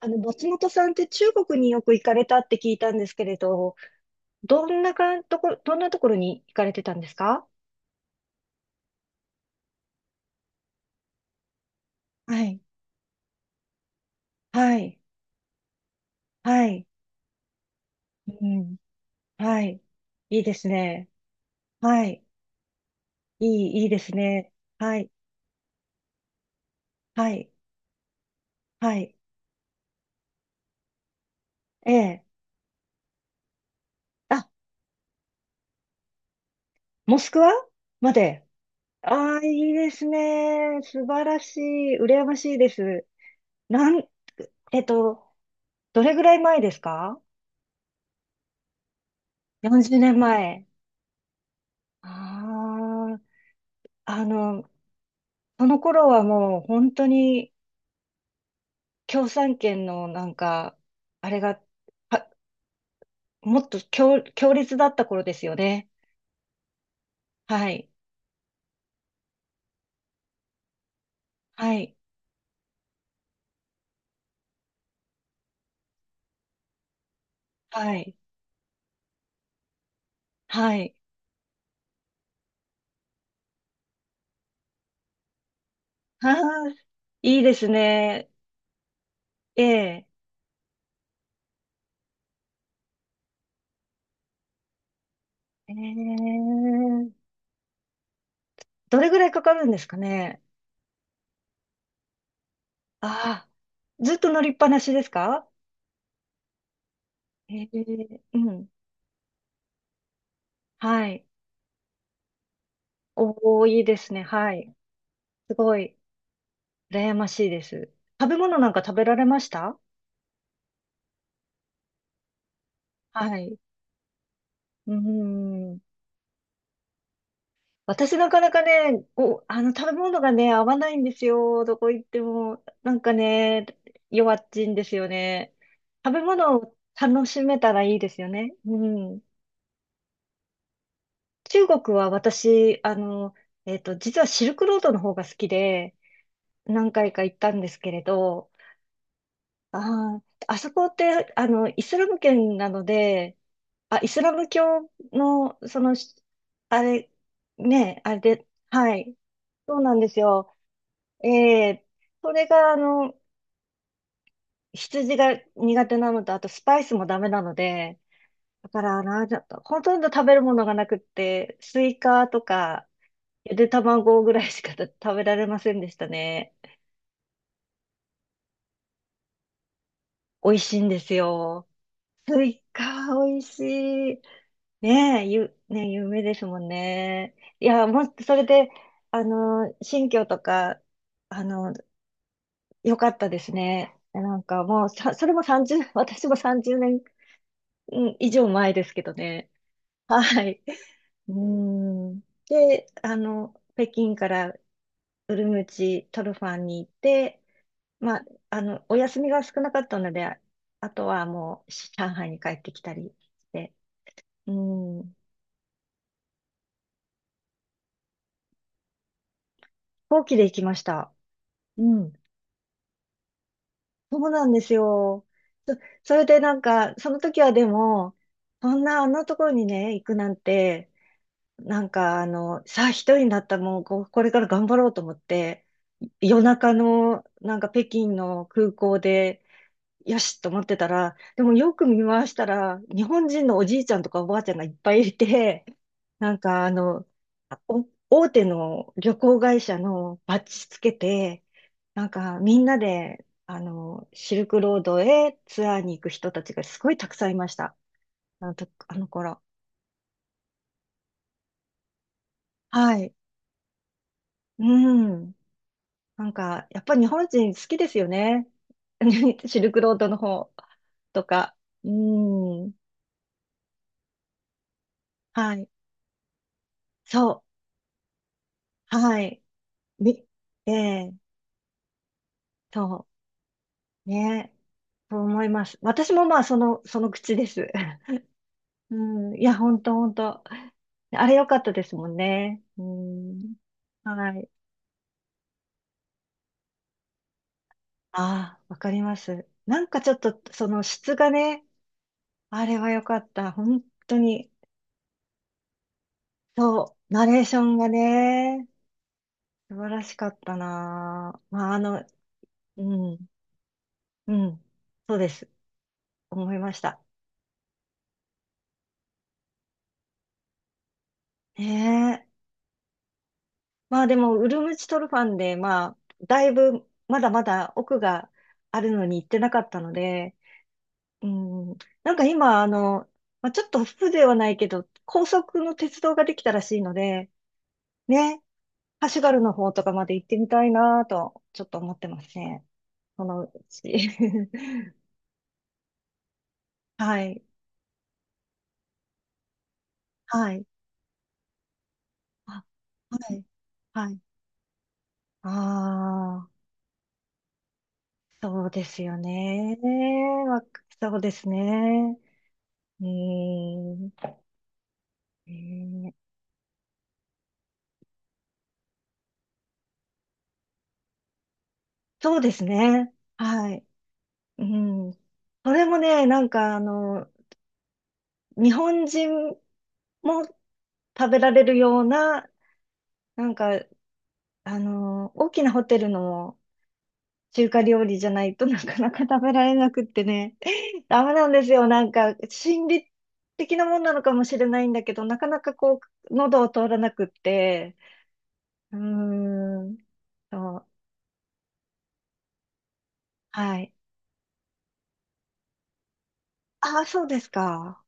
松本さんって中国によく行かれたって聞いたんですけれど、どんなかんところ、どんなところに行かれてたんですか？はい。はい。はい。うん。はい。いいですね。はい。いいいですね。はい。はい。はい。ええ。あ、モスクワまで。ああ、いいですね。素晴らしい。羨ましいです。なん、えっと、どれぐらい前ですか？40年前。ああ、あの、その頃はもう本当に共産圏のなんか、あれが、は、もっと強烈だった頃ですよね。はい。はい。はい。はい。ああ、いいですね。ええ。ええ。どれぐらいかかるんですかね？ああ、ずっと乗りっぱなしですか？ええ、うん。はい。おお、いいですね。はい。すごい、羨ましいです。食べ物なんか食べられました？はい。うーん。私なかなかね、食べ物がね、合わないんですよ。どこ行っても。なんかね、弱っちいんですよね。食べ物を楽しめたらいいですよね。うん。中国は私、実はシルクロードの方が好きで、何回か行ったんですけれど、ああそこって、イスラム圏なので、あ、イスラム教の、あれ、ね、あれで、はい。そうなんですよ。ええ。それが、羊が苦手なのと、あとスパイスもダメなので、だから、ちょっと、ほとんど食べるものがなくって、スイカとか、ゆで卵ぐらいしか食べられませんでしたね。美味しいんですよ。スイカ、美味しい。ねえ、ねえ、夢ですもんね。いや、もっとそれで、新居とか、あの、良かったですね。なんかもう、さ、それも30、私も30年、うん以上前ですけどね。はい。うーん。で、北京からウルムチ、トルファンに行って、まあ、お休みが少なかったので、あとはもう、上海に帰ってきたりして、うん。飛行機で行きました。うん。そうなんですよ。そ、それでなんか、その時はでも、そんなあのところにね、行くなんて、なんかさあ一人になったもうこれから頑張ろうと思って、夜中のなんか北京の空港で、よしと思ってたら、でもよく見回したら、日本人のおじいちゃんとかおばあちゃんがいっぱいいて、なんか大手の旅行会社のバッジつけて、なんかみんなで、シルクロードへツアーに行く人たちがすごいたくさんいました。あのと、あの頃。はい。うん。なんか、やっぱり日本人好きですよね。シルクロードの方とか。うん。はい。そう。はい。み、ええ、そう。ね。そう思います。私もまあ、その口です。うん、いや、ほんとほんと。あれ良かったですもんね。うん、はい。ああ、わかります。なんかちょっと、その質がね、あれは良かった。本当に。そう、ナレーションがね、素晴らしかったな。まあ、うん、うん、そうです。思いました。ねえ。まあでも、ウルムチトルファンで、まあ、だいぶ、まだまだ奥があるのに行ってなかったので、うん。なんか今、まあ、ちょっと風情はないけど、高速の鉄道ができたらしいので、ね、カシュガルの方とかまで行ってみたいなと、ちょっと思ってますね。そのうち。はい。はい。あ、はい。はい。ああ、そうですよね。そうですね。うーん。えそうですね。はい。うん。それもね、なんか日本人も食べられるような、なんか、あの大きなホテルの中華料理じゃないとなかなか食べられなくってね。ダメなんですよ。なんか、心理的なもんなのかもしれないんだけど、なかなかこう、喉を通らなくって。うーん。そう。はい。ああ、そうですか。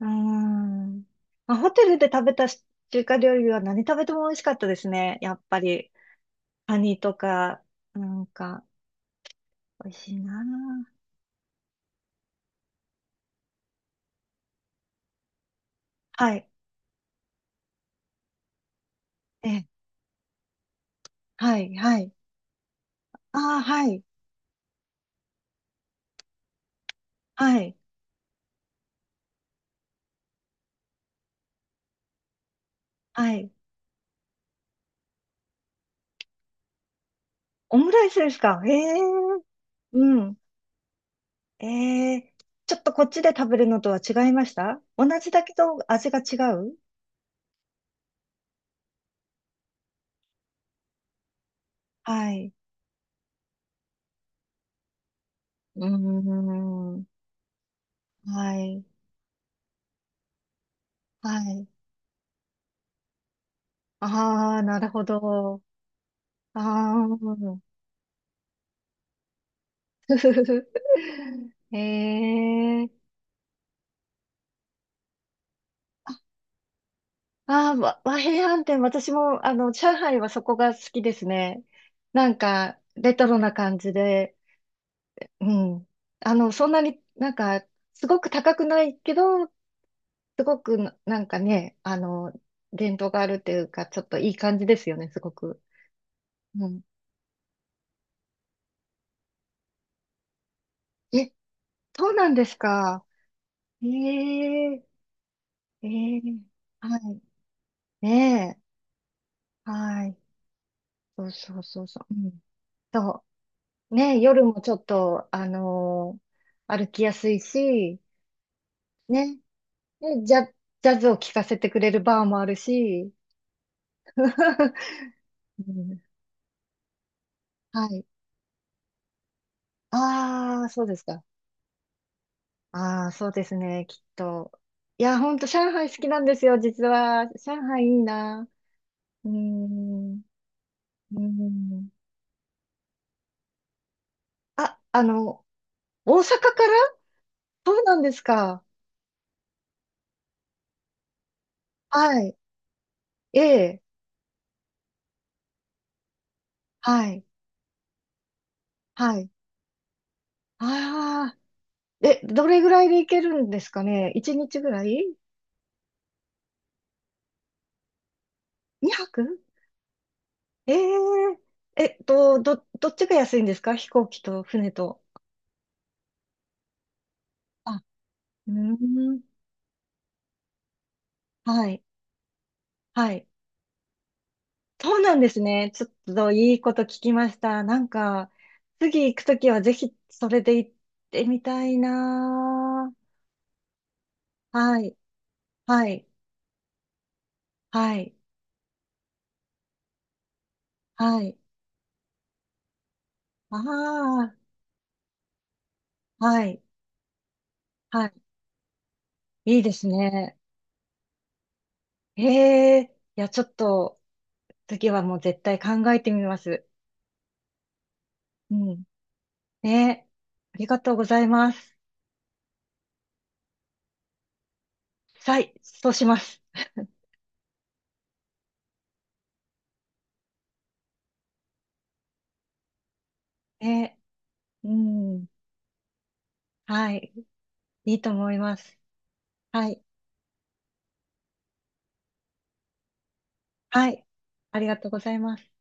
うーん。まあ、ホテルで食べたし中華料理は何食べても美味しかったですね。やっぱり。カニとか、なんか、美味しいなあ。はい。ええ、はい、はい。ああ、はい、はい、はい。オムライスですか？へえ、うん。ええ、ちょっとこっちで食べるのとは違いました？同じだけど味が違う？はい。うーん。はい、はい。ああ、なるほど。ああ、ふふふ。ええ。ああ、和平飯店、私も、上海はそこが好きですね。なんか、レトロな感じで、うん。そんなになんか、すごく高くないけど、すごくな、なんかね、伝統があるっていうか、ちょっといい感じですよね、すごく。うん。え、そうなんですか。ええ、ええ、はい。ねえ。はい。そうそうそうそう。うん。そう。ね、夜もちょっと、歩きやすいし、ね、で、ジャズを聴かせてくれるバーもあるし、うん。はい。ああ、そうですか。ああ、そうですね、きっと。いや、ほんと、上海好きなんですよ、実は。上海いいな。うーん、うーん。あ、大阪から。そうなんですか？はい。ええ、はい、はい。ああ。え、どれぐらいで行けるんですかね？ 1 日ぐらい？ 2 泊？えー、どっちが安いんですか？飛行機と船と。あ、うーん。はい。はい。そうなんですね。ちょっといいこと聞きました。なんか、次行くときはぜひそれで行ってみたいなー。はい。はい。はい。はい。ああ、はい。はい。いいですね。ええ。いや、ちょっと、次はもう絶対考えてみます。うん。ね。ありがとうございます。はい。そうします。ね。うん。はい。いいと思います。はい。はい。ありがとうございます。